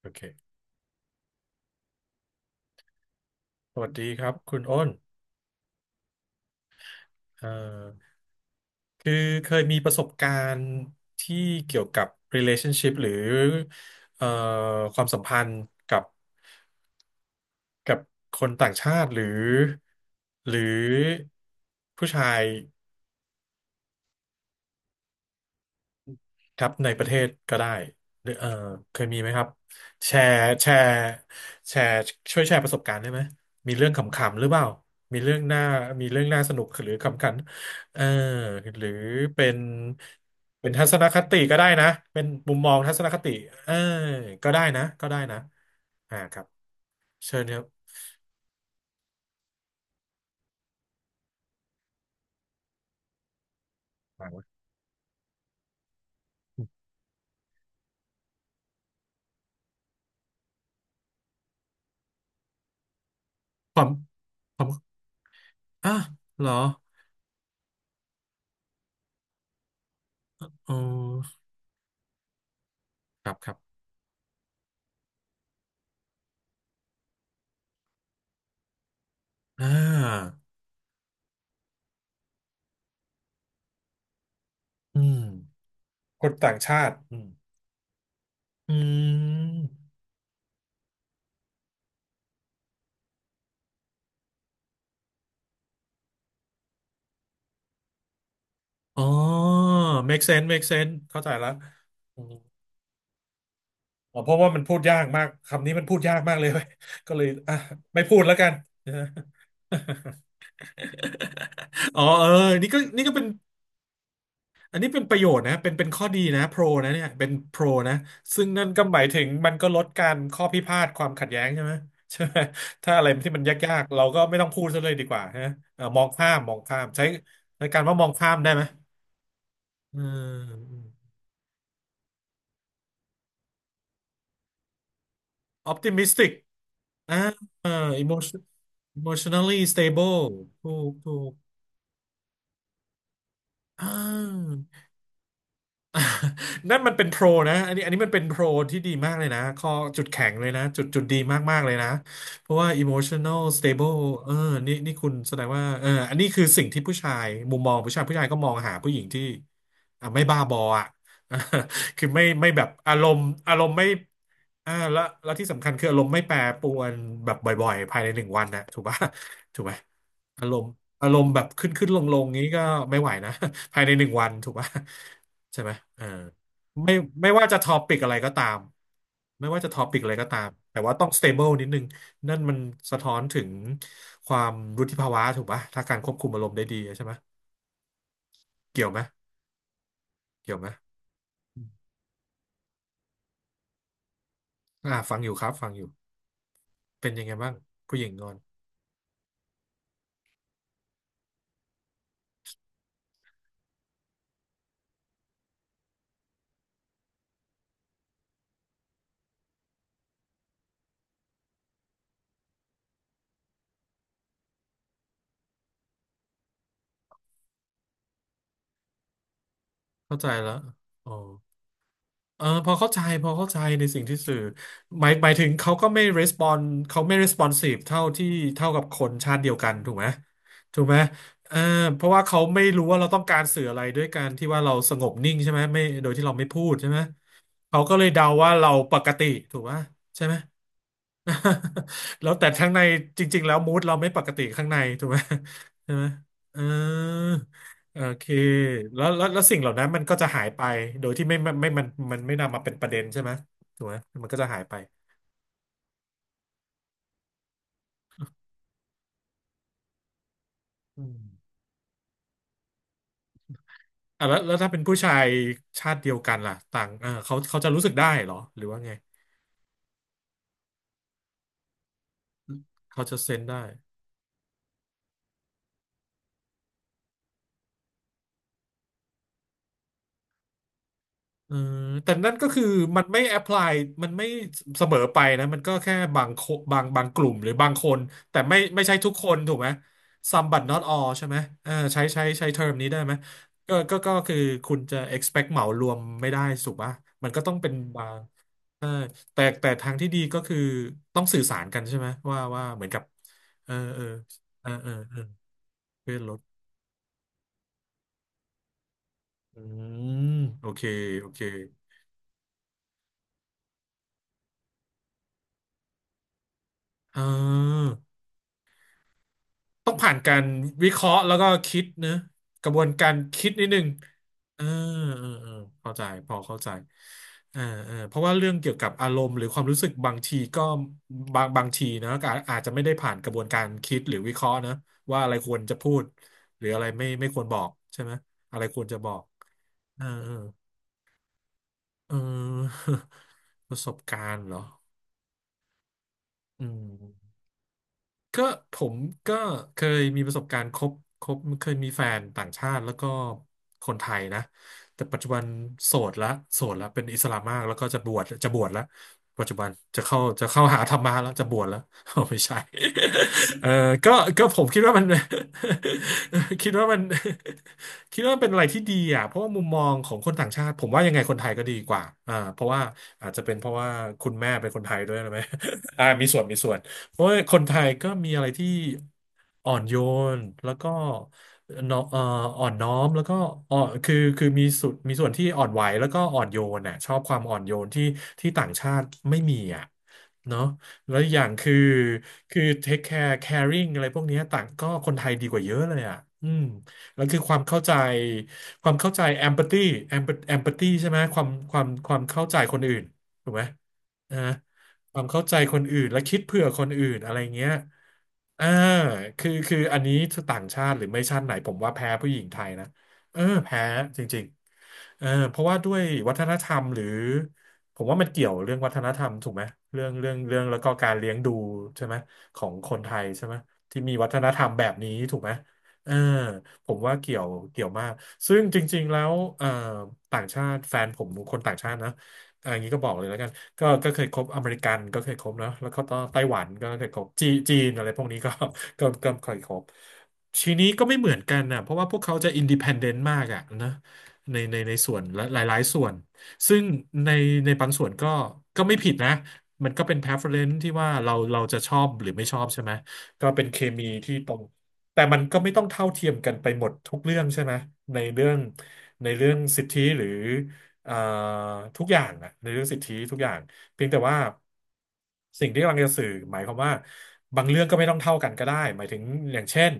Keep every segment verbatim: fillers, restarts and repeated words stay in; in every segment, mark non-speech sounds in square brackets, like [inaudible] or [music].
โอเค สวัสดีครับคุณอ้นเอ่อคือเคยมีประสบการณ์ที่เกี่ยวกับ relationship หรือเอ่อความสัมพันธ์กับกับคนต่างชาติหรือหรือผู้ชาย ครับในประเทศก็ได้หรือเออเคยมีไหมครับแชร์แชร์แชร์ช่วยแชร์ประสบการณ์ได้ไหมมีเรื่องขำๆหรือเปล่ามีเรื่องน่ามีเรื่องน่าสนุกหรือขำขันเออหรือเป็นเป็นทัศนคติก็ได้นะเป็นมุมมองทัศนคติเออก็ได้นะก็ได้นะอ่าครับเชิญครับฟังไว้ความความอ่ะเหรออ๋อครับครับอ่าอืมคนต่างชาติอืมอืม อ๋อ make sense make sense เข้าใจแล้วอมอ๋อเพราะว่ามันพูดยากมากคำนี้มันพูดยากมากเลย [laughs] เว้ยก็เลยอ่ะไม่พูดแล้วกัน [laughs] อ๋อเออนี่ก็นี่ก็เป็นอันนี้เป็นประโยชน์นะเป็นเป็นข้อดีนะโปรนะเนี่ยเป็นโปรนะซึ่งนั่นก็หมายถึงมันก็ลดการข้อพิพาทความขัดแย้งใช่ไหมใช่ไหมถ้าอะไรที่มันยากๆเราก็ไม่ต้องพูดซะเลยดีกว่าฮะเออมองข้ามมองข้ามใช้ในการว่ามองข้ามได้ไหมอืม optimistic อ่าอิมมอชั่นอิมมอชแนลลี่สแตบิลทูทู [laughs] นั่นมันเป็นโปรนะอันนี้อันนี้มันเป็นโปรที่ดีมากเลยนะข้อจุดแข็งเลยนะจุดจุดดีมากๆเลยนะเพราะว่า emotional stable เออนี่นี่คุณแสดงว่าเอออันนี้คือสิ่งที่ผู้ชายมุมมองผู้ชายผู้ชายก็มองหาผู้หญิงที่อ่ะไม่บ้าบออ่ะ [laughs] คือไม่ไม่แบบอารมณ์อารมณ์ไม่อ่าแล้วแล้วที่สำคัญคืออารมณ์ไม่แปรปรวนแบบบ่อยๆภายในหนึ่งวันนะถูกปะถูกไหมอารมณ์อารมณ์แบบขึ้นขึ้นลงลงงี้ก็ไม่ไหวนะ [laughs] ภายในหนึ่งวันถูกปะ ใช่ไหมเออไม่ไม่ว่าจะทอปิกอะไรก็ตาม ไม่ว่าจะทอปิกอะไรก็ตาม แต่ว่าต้อง stable นิดนึง นั่นมันสะท้อนถึงความวุฒิภาวะถูกปะถ้าการควบคุมอารมณ์ได้ดีใช่ไหมเกี่ยวไหมเกี่ยวไหมอ่าฟังอยู่ครับฟังอยู่เป็นยังไงบ้างผู้หญิงงอน เข้าใจแล้วอ๋อ เออพอเข้าใจพอเข้าใจในสิ่งที่สื่อหมายหมายถึงเขาก็ไม่ respond เขาไม่ responsive เท่าที่เท่ากับคนชาติเดียวกันถูกไหมถูกไหมเออเพราะว่าเขาไม่รู้ว่าเราต้องการสื่ออะไรด้วยการที่ว่าเราสงบนิ่งใช่ไหมไม่โดยที่เราไม่พูดใช่ไหมเขาก็เลยเดาว่าเราปกติถูกไหมใช่ไหม [laughs] แล้วแต่ข้างในจริงๆแล้วมูดเราไม่ปกติข้างในถูกไหมใช่ไหมเออ โอเคแล้วแล้วแล้วสิ่งเหล่านั้นมันก็จะหายไปโดยที่ไม่ไม่ไม่มันมันไม่นำมาเป็นประเด็นใช่ไหมถูกไหมมันก็จะหายไปอืมอ่ะแล้วแล้วถ้าเป็นผู้ชายชาติเดียวกันล่ะต่างเออเขาเขาจะรู้สึกได้เหรอหรือว่าไงเขาจะเซนได้ เออแต่นั่นก็คือมันไม่แอพพลายมันไม่เสมอไปนะมันก็แค่บางโคบางบางกลุ่มหรือบางคนแต่ไม่ไม่ใช่ทุกคนถูกไหม Some but not all ใช่ไหมเออใช้ใช้ใช้เทอมนี้ได้ไหมก็ก็ก็คือคุณจะ expect เหมารวมไม่ได้สุกป่ะมันก็ต้องเป็นบางแต่แต่ทางที่ดีก็คือต้องสื่อสารกันใช่ไหมว่าว่าเหมือนกับเออเออเออเออเออเพื่อนลดอืมโอเคโอเคอ่า ต้องผ่านการวิเคราะห์แล้วก็คิดเนอะกระบวนการคิดนิดนึงเออเออเออเข้าใจพอเข้าใจเออเออเพราะว่าเรื่องเกี่ยวกับอารมณ์หรือความรู้สึกบางทีก็บางบางทีนะก็อาอาจจะไม่ได้ผ่านกระบวนการคิดหรือวิเคราะห์นะว่าอะไรควรจะพูดหรืออะไรไม่ไม่ควรบอกใช่ไหมอะไรควรจะบอกเออเออเออ [laughs] ประสบการณ์เหรออืม ก็ผมก็เคยมีประสบการณ์คบคบเคยมีแฟนต่างชาติแล้วก็คนไทยนะแต่ปัจจุบันโสดละโสดละเป็นอิสลามมากแล้วก็จะบวชจะบวชละปัจจุบันจะเข้าจะเข้าหาธรรมะแล้วจะบวชแล้วเอา [laughs] ไม่ใช่ [laughs] เออก็ก็ผมคิดว่ามัน [laughs] คิดว่ามัน [laughs] คิดว่ามันเป็นอะไรที่ดีอ่ะเพราะว่ามุมมองของคนต่างชาติผมว่ายังไงคนไทยก็ดีกว่าอ่าเพราะว่าอาจจะเป็นเพราะว่าคุณแม่เป็นคนไทยด้วยหรือไหม [laughs] อ่ามีส่วนมีส่วน เพราะว่าคนไทยก็มีอะไรที่อ่อนโยนแล้วก็เนอะเอ่ออ่อนน้อมแล้วก็อ่อนคือคือมีสุดมีส่วนที่อ่อนไหวแล้วก็อ่อนโยนน่ะชอบความอ่อนโยนที่ที่ต่างชาติไม่มีอ่ะเนาะแล้วอกอย่างคือคือ take care caring อะไรพวกเนี้ยต่างก็คนไทยดีกว่าเยอะเลยอ่ะอืมแล้วคือความเข้าใจความเข้าใจ empathy empathy ใช่ไหมความความความเข้าใจคนอื่นถูกไหมนะ ความเข้าใจคนอื่นและคิดเผื่อคนอื่นอะไรเงี้ยอ่าคือคืออันนี้ต่างชาติหรือไม่ชาติไหนผมว่าแพ้ผู้หญิงไทยนะเออแพ้จริงๆเออเพราะว่าด้วยวัฒนธรรมหรือผมว่ามันเกี่ยวเรื่องวัฒนธรรมถูกไหมเรื่องเรื่องเรื่องแล้วก็การเลี้ยงดูใช่ไหมของคนไทยใช่ไหมที่มีวัฒนธรรมแบบนี้ถูกไหมเออผมว่าเกี่ยวเกี่ยวมากซึ่งจริงๆ แล้วเอ่อต่างชาติแฟนผมคนต่างชาตินะอะอย่างนี้ก็บอกเลยแล้วกัน ก็ก็เคยคบอเมริกันก็เคยคบเนอะแล้วก็ไต้หวันก็เคยคบจีจีนอะไรพวกนี้ก็ [laughs] ก็ก็เคยคบทีนี้ก็ไม่เหมือนกันนะเพราะว่าพวกเขาจะอินดิเพ n เดนต์มากอะนะในในในส่วนและหลายๆส่วนซึ่งในในบางส่วนก็ก็ไม่ผิดนะมันก็เป็น preference ที่ว่าเราเราจะชอบหรือไม่ชอบใช่ไหมก็เป็นเคมีที่ตรงแต่มันก็ไม่ต้องเท่าเทียมกันไปหมดทุกเรื่องใช่ไหมในเรื่องในเรื่องสิทธิหรือ เอ่อทุกอย่างนะในเรื่องสิทธิทุกอย่างเพียงแต่ว่าสิ่งที่กำลังจะสื่อหมายความว่าบางเรื่องก็ไม่ต้องเท่ากันก็ได้หมายถึงอย่างเช่น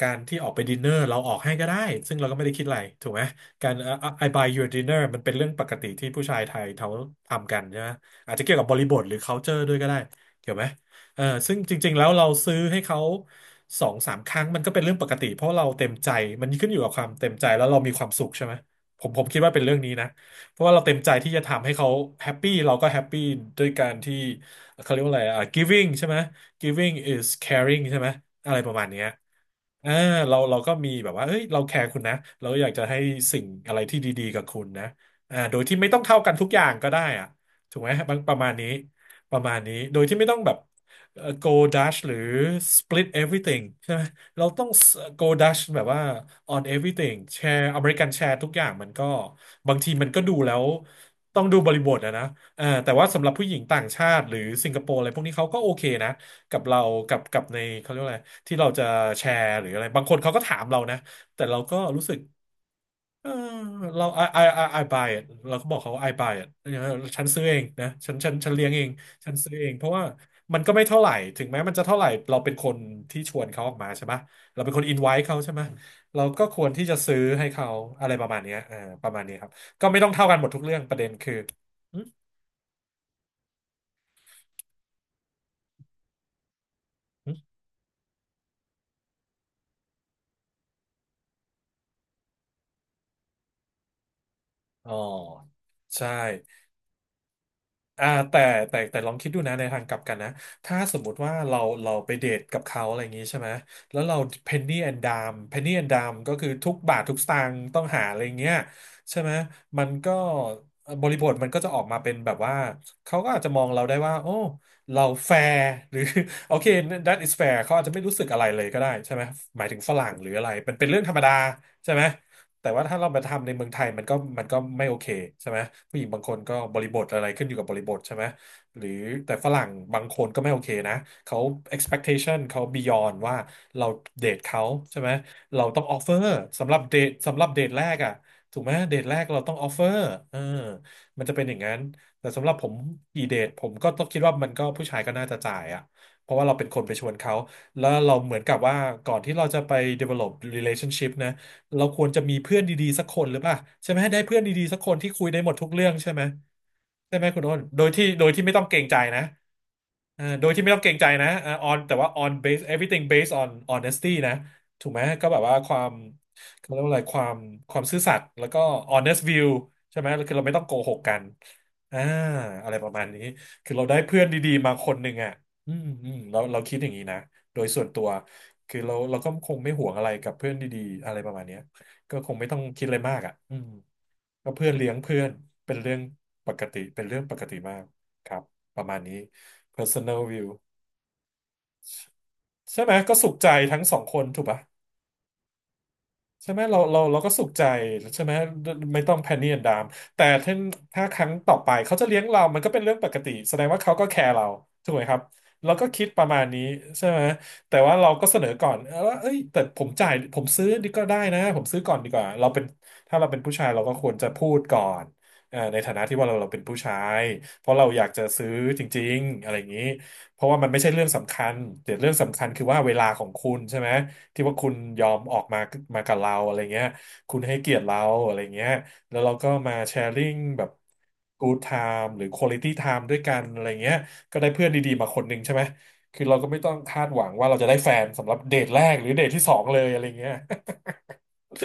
การที่ออกไปดินเนอร์เราออกให้ก็ได้ซึ่งเราก็ไม่ได้คิดอะไรถูกไหมการเอ่อ I buy you a dinner มันเป็นเรื่องปกติที่ผู้ชายไทยเขาทำกันใช่ไหมอาจจะเกี่ยวกับบริบทหรือ culture ด้วยก็ได้เกี่ยวไหมเออซึ่งจริงๆแล้วเราซื้อให้เขาสองสามครั้งมันก็เป็นเรื่องปกติเพราะเราเต็มใจมันขึ้นอยู่กับความเต็มใจแล้วเรามีความสุขใช่ไหมผมผมคิดว่าเป็นเรื่องนี้นะ เพราะว่าเราเต็มใจที่จะทำให้เขาแฮปปี้เราก็แฮปปี้ด้วยการที่เขาเรียกว่าอะไรอ่ะ giving ใช่ไหม giving is caring ใช่ไหมอะไรประมาณเนี้ยอ่าเราเราก็มีแบบว่าเฮ้ยเราแคร์คุณนะเราอยากจะให้สิ่งอะไรที่ดีๆกับคุณนะอ่าโดยที่ไม่ต้องเท่ากันทุกอย่างก็ได้อ่ะถูกไหมบางประมาณนี้ประมาณนี้โดยที่ไม่ต้องแบบเอ่อ go dash หรือ split everything ใช่ไหม เราต้อง go Dutch แบบว่า on everything แชร์อเมริกันแชร์ทุกอย่างมันก็บางทีมันก็ดูแล้วต้องดูบริบทอะนะเออแต่ว่าสำหรับผู้หญิงต่างชาติหรือสิงคโปร์อะไรพวกนี้เขาก็โอเคนะกับเรากับกับในเขาเรียกว่าอะไรที่เราจะแชร์หรืออะไรบางคนเขาก็ถามเรานะแต่เราก็รู้สึก เออเรา I I I I buy it เราก็บอกเขาว่า I buy it ฉันซื้อเองนะฉันฉันฉันเลี้ยงเองฉันซื้อเอง เพราะว่ามันก็ไม่เท่าไหร่ ถึงแม้มันจะเท่าไหร่เราเป็นคนที่ชวนเขาออกมาใช่ไหมเราเป็นคนอินไว e เขาใช่ไหม เราก็ควรที่จะซื้อให้เขาอะไรประมาณเนี้ยเออประมาณนี้ครับก็ไม่ต้องเท่ากันหมดทุกเรื่อง ประเด็นคือหึหึอ๋อใช่ อ่าแต่แต่แต่ลองคิดดูนะในทางกลับกันนะถ้าสมมุติว่าเราเราไปเดทกับเขาอะไรอย่างงี้ใช่ไหมแล้วเรา penny and dime penny and dime ก็คือทุกบาททุกสตางค์ต้องหาอะไรอย่างเงี้ยใช่ไหมมันก็บริบทมันก็จะออกมาเป็นแบบว่าเขาก็อาจจะมองเราได้ว่าโอ้เราแฟร์หรือ [laughs] โอเค that is fair เขาอาจจะไม่รู้สึกอะไรเลยก็ได้ใช่ไหมหมายถึงฝรั่งหรืออะไรเป็นเป็นเรื่องธรรมดาใช่ไหม แต่ว่าถ้าเรามาทำในเมืองไทยมันก็มันก็ไม่โอเคใช่ไหมผู้หญิงบางคนก็บริบทอะไรขึ้นอยู่กับบริบทใช่ไหมหรือแต่ฝรั่งบางคนก็ไม่โอเคนะเขา expectation เขา beyond ว่าเราเดทเขาใช่ไหมเราต้อง offer สำหรับเดทสำหรับเดทแรกอ่ะถูกไหมเดทแรกเราต้อง offer เออมันจะเป็นอย่างนั้นแต่สำหรับผมกีเดทผมก็ต้องคิดว่ามันก็ผู้ชายก็น่าจะจ่ายอ่ะเพราะว่าเราเป็นคนไปชวนเขาแล้วเราเหมือนกับว่าก่อนที่เราจะไป develop relationship นะ เราควรจะมีเพื่อนดีๆสักคนหรือเปล่าใช่ไหมให้ได้เพื่อนดีๆสักคนที่คุยได้หมดทุกเรื่องใช่ไหมใช่ไหมคุณโอนโดยที่โดยที่ไม่ต้องเกรงใจนะเอ่อโดยที่ไม่ต้องเกรงใจนะเอ่อ on แต่ว่า on base everything based on honesty นะถูกไหมก็แบบว่าความเขาเรียกว่าอะไรความความซื่อสัตย์แล้วก็ honest view ใช่ไหมคือเราไม่ต้องโกหกกันอ่าอะไรประมาณนี้คือเราได้เพื่อนดีๆมาคนหนึ่งอ่ะอืมอืมเราเราคิดอย่างนี้นะโดยส่วนตัว คือเราเราก็คงไม่ห่วงอะไรกับเพื่อนดีๆอะไรประมาณเนี้ยก็คงไม่ต้องคิดอะไรมากอ่ะอืมก็เพื่อนเลี้ยงเพื่อนเป็นเรื่องปกติเป็นเรื่องปกติมากครับประมาณนี้ personal view ใช่ไหมก็สุขใจทั้งสองคนถูกปะ ใช่ไหมเราเราเราก็สุขใจใช่ไหมไม่ต้องแพนนี่แอนดามแต่ถ้าถ้าครั้งต่อไปเขาจะเลี้ยงเรามันก็เป็นเรื่องปกติแสดงว่าเขาก็แคร์เราถูกไหมครับเราก็คิดประมาณนี้ใช่ไหมแต่ว่าเราก็เสนอก่อนเออว่าเอ้ยแต่ผมจ่ายผมซื้อดีก็ได้นะผมซื้อก่อนดีกว่าเราเป็นถ้าเราเป็นผู้ชายเราก็ควรจะพูดก่อนเอ่อในฐานะที่ว่าเราเราเป็นผู้ชายเพราะเราอยากจะซื้อจริงๆอะไรอย่างนี้ เพราะว่ามันไม่ใช่เรื่องสำคัญแต่เรื่องสำคัญคือว่าเวลาของคุณใช่ไหมที่ว่าคุณยอมออกมามากับเราอะไรเงี้ยคุณให้เกียรติเราอะไรเงี้ยแล้วเราก็มาแชร์ริ่งแบบ good time หรือ quality time ด้วยกันอะไรเงี้ยก็ได้เพื่อนดีๆมาคนหนึ่งใช่ไหมคือเราก็ไม่ต้องคาดหวังว่าเราจะได้แฟนสำหรับเดทแรกหรือเดทที่สองเลยอะไรเงี้ย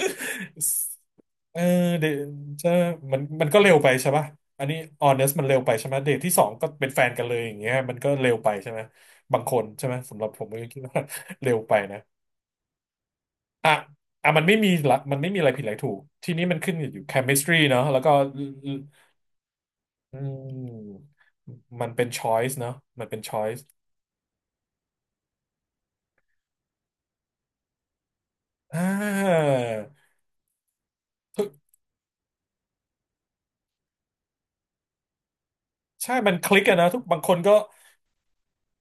[laughs] เออเดทจะมันมันก็เร็วไปใช่ปะอันนี้ honest มันเร็วไปใช่ไหมเดทที่สองก็เป็นแฟนกันเลยอย่างเงี้ยมันก็เร็วไปใช่ไหมบางคนใช่ไหมสำหรับผมก็คิดว่า [laughs] เร็วไปนะอ่ะอ่ะมันไม่มีละมันไม่มีอะไรผิดอะไรถูกทีนี้มันขึ้นอยู่ chemistry เนาะแล้วก็อืมมันเป็น choice เนาะมันเป็น choice อ่าทุกใช่มันคลิกอะนะทุกบางคนก็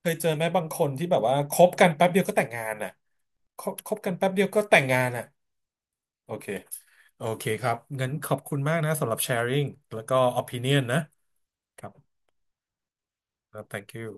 เคยเจอไหมบางคนที่แบบว่าคบกันแป๊บเดียวก็แต่งงานอะคบคบกันแป๊บเดียวก็แต่งงานอะ โอเค โอเคครับงั้นขอบคุณมากนะสำหรับ sharing แล้วก็ opinion นะครับแล้ว thank you